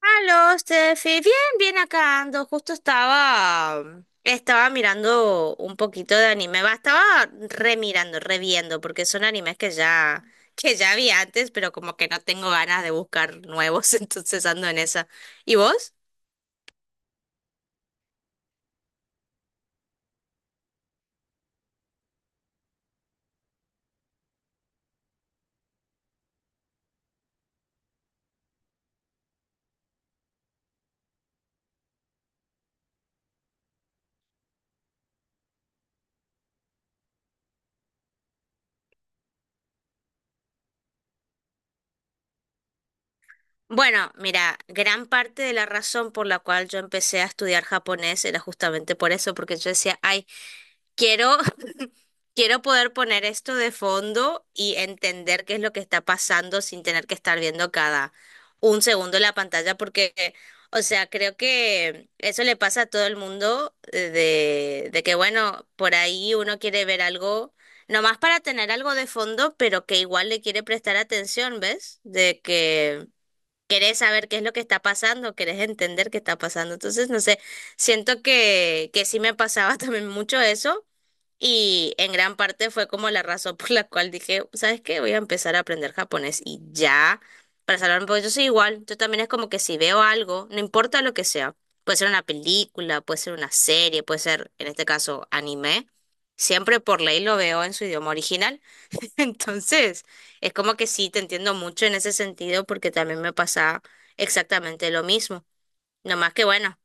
Aló, Steffi. Bien, bien acá ando. Estaba mirando un poquito de anime. Va, estaba remirando, reviendo, porque son que ya vi antes, pero como que no tengo ganas de buscar nuevos, entonces ando en esa. ¿Y vos? Bueno, mira, gran parte de la razón por la cual yo empecé a estudiar japonés era justamente por eso, porque yo decía, ay, Quiero, quiero poder poner esto de fondo y entender qué es lo que está pasando sin tener que estar viendo cada un segundo la pantalla, o sea, creo que eso le pasa a todo el mundo de que, bueno, por ahí uno quiere ver algo, nomás para tener algo de fondo, pero que igual le quiere prestar atención, ¿ves? De que querés saber qué es lo que está pasando, querés entender qué está pasando. Entonces, no sé, siento que sí me pasaba también mucho eso. Y en gran parte fue como la razón por la cual dije, ¿sabes qué? Voy a empezar a aprender japonés y ya, para salvarme, porque yo soy igual, yo también es como que si veo algo, no importa lo que sea, puede ser una película, puede ser una serie, puede ser, en este caso, anime, siempre por ley lo veo en su idioma original. Entonces, es como que sí, te entiendo mucho en ese sentido porque también me pasa exactamente lo mismo. No más que bueno.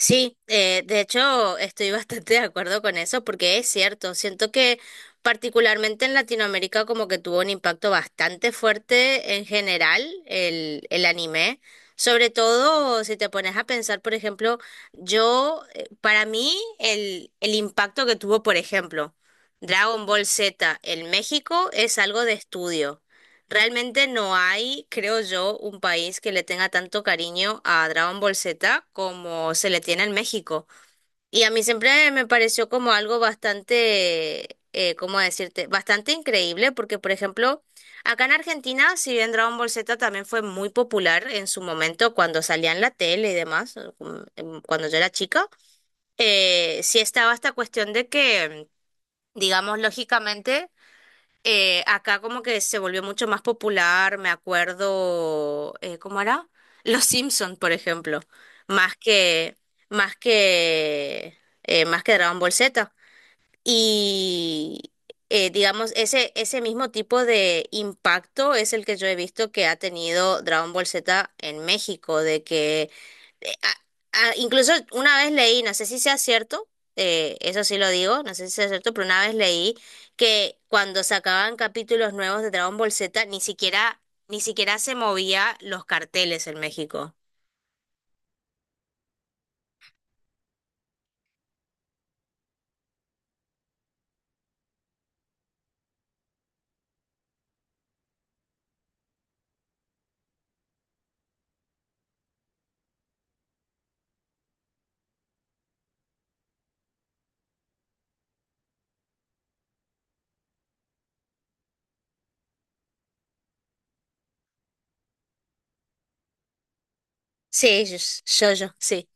Sí, de hecho estoy bastante de acuerdo con eso porque es cierto, siento que particularmente en Latinoamérica como que tuvo un impacto bastante fuerte en general el anime, sobre todo si te pones a pensar, por ejemplo, yo, para mí el impacto que tuvo, por ejemplo, Dragon Ball Z en México es algo de estudio. Realmente no hay, creo yo, un país que le tenga tanto cariño a Dragon Ball Z como se le tiene en México. Y a mí siempre me pareció como algo bastante, ¿cómo decirte? Bastante increíble porque, por ejemplo, acá en Argentina, si bien Dragon Ball Z también fue muy popular en su momento cuando salía en la tele y demás, cuando yo era chica, sí estaba esta cuestión de que, digamos, lógicamente acá como que se volvió mucho más popular, me acuerdo, ¿cómo era? Los Simpson, por ejemplo, más que, más que, más que Dragon Ball Z. Y digamos, ese mismo tipo de impacto es el que yo he visto que ha tenido Dragon Ball Z en México, de que eh, a- incluso una vez leí, no sé si sea cierto, eso sí lo digo, no sé si sea cierto, pero una vez leí que cuando sacaban capítulos nuevos de Dragon Ball Z, ni siquiera se movía los carteles en México. Sí, yo, sí.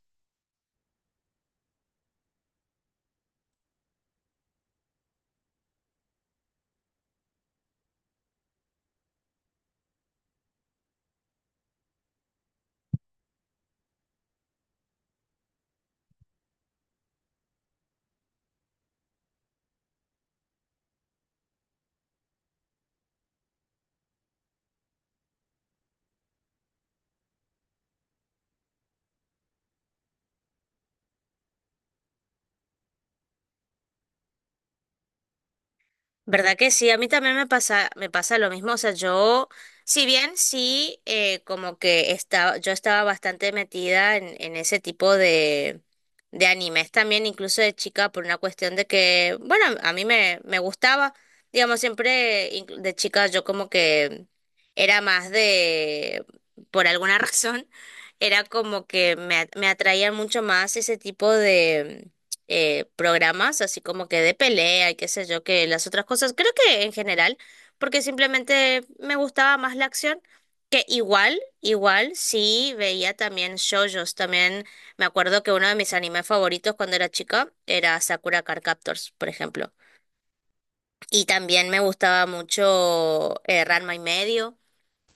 ¿Verdad que sí? A mí también me pasa lo mismo. O sea, yo, si bien sí, yo estaba bastante metida en ese tipo de animes también, incluso de chica, por una cuestión de que, bueno, me gustaba, digamos, siempre de chica yo como que era más de, por alguna razón, era como que me atraían mucho más ese tipo programas, así como que de pelea y qué sé yo, que las otras cosas. Creo que en general, porque simplemente me gustaba más la acción, que igual, igual sí veía también shoujos. También me acuerdo que uno de mis animes favoritos cuando era chica era Sakura Card Captors, por ejemplo. Y también me gustaba mucho Ranma y medio.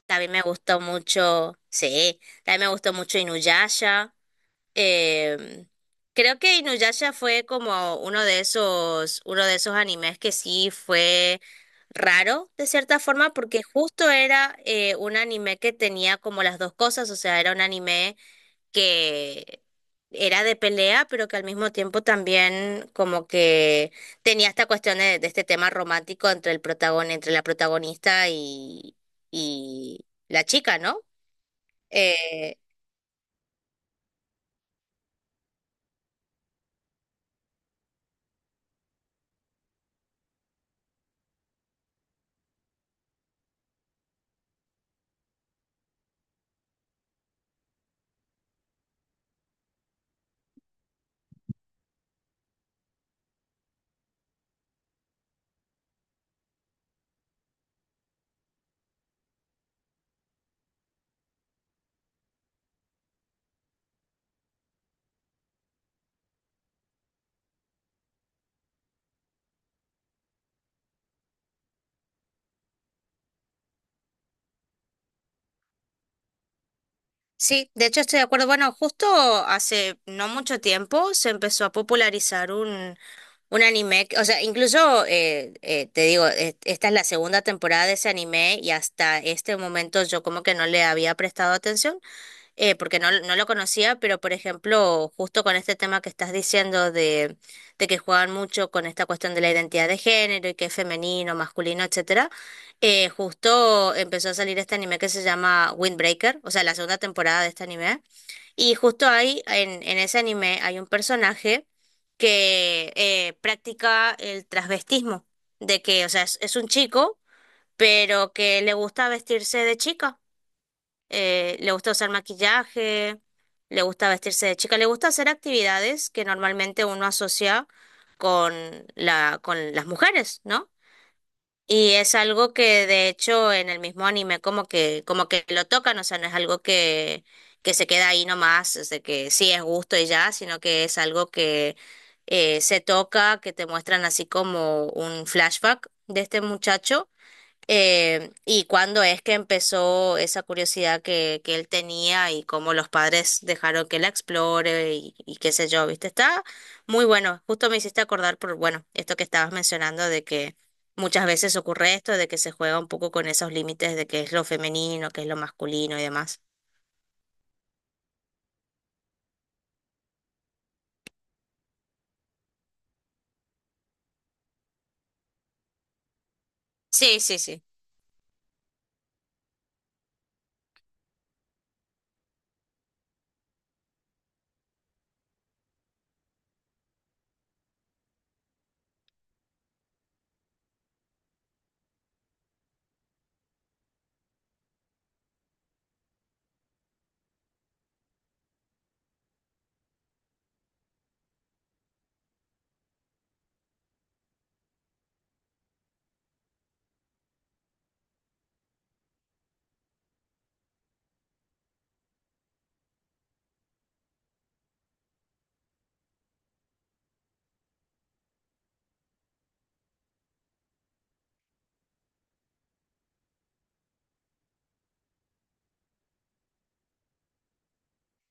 También me gustó mucho, sí, también me gustó mucho Inuyasha. Eh, creo que Inuyasha fue como uno de esos animes que sí fue raro de cierta forma, porque justo era un anime que tenía como las dos cosas, o sea, era un anime que era de pelea, pero que al mismo tiempo también como que tenía esta cuestión de este tema romántico entre entre la protagonista y la chica, ¿no? Eh, sí, de hecho estoy de acuerdo. Bueno, justo hace no mucho tiempo se empezó a popularizar un anime, o sea, incluso te digo, esta es la segunda temporada de ese anime y hasta este momento yo como que no le había prestado atención porque no, no lo conocía, pero por ejemplo, justo con este tema que estás diciendo de que juegan mucho con esta cuestión de la identidad de género y que es femenino, masculino, etcétera, justo empezó a salir este anime que se llama Windbreaker, o sea, la segunda temporada de este anime, y justo ahí, en ese anime, hay un personaje que practica el transvestismo, de que, o sea, es un chico, pero que le gusta vestirse de chica, le gusta usar maquillaje, le gusta vestirse de chica, le gusta hacer actividades que normalmente uno asocia con con las mujeres, ¿no? Y es algo que de hecho en el mismo anime como que lo tocan, o sea, no es algo que se queda ahí nomás, es de que sí es gusto y ya, sino que es algo que se toca, que te muestran así como un flashback de este muchacho, ¿y cuándo es que empezó esa curiosidad que él tenía y cómo los padres dejaron que la explore y qué sé yo, ¿viste? Está muy bueno. Justo me hiciste acordar por, bueno, esto que estabas mencionando de que muchas veces ocurre esto, de que se juega un poco con esos límites de qué es lo femenino, qué es lo masculino y demás. Sí, sí, sí.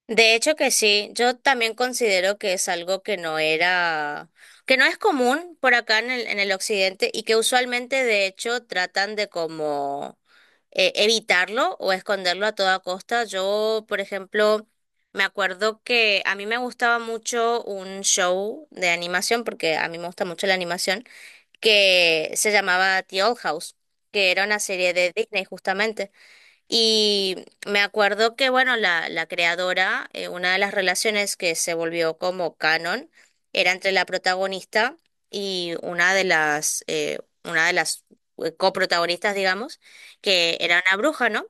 De hecho que sí, yo también considero que es algo que no era, que no es común por acá en el occidente y que usualmente de hecho tratan de como evitarlo o esconderlo a toda costa. Yo, por ejemplo, me acuerdo que a mí me gustaba mucho un show de animación, porque a mí me gusta mucho la animación, que se llamaba The Old House, que era una serie de Disney justamente. Y me acuerdo que, bueno, la creadora, una de las relaciones que se volvió como canon era entre la protagonista y una de las coprotagonistas, digamos, que era una bruja, ¿no?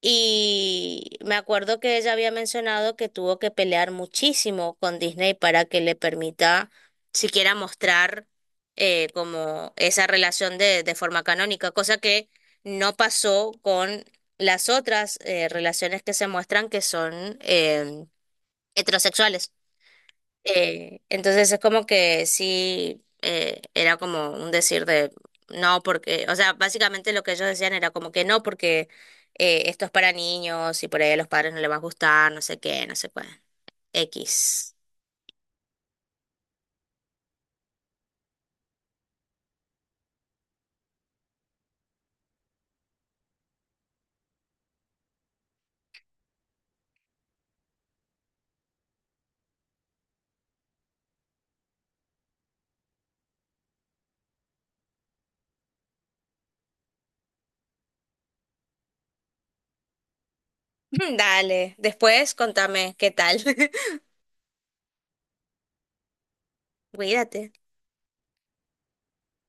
Y me acuerdo que ella había mencionado que tuvo que pelear muchísimo con Disney para que le permita siquiera mostrar como esa relación de forma canónica, cosa que no pasó con las otras relaciones que se muestran que son heterosexuales. Entonces es como que sí, era como un decir de no, porque, o sea, básicamente lo que ellos decían era como que no, porque esto es para niños y por ahí a los padres no les va a gustar, no sé qué, no sé cuál. X. Dale, después contame qué tal. Cuídate.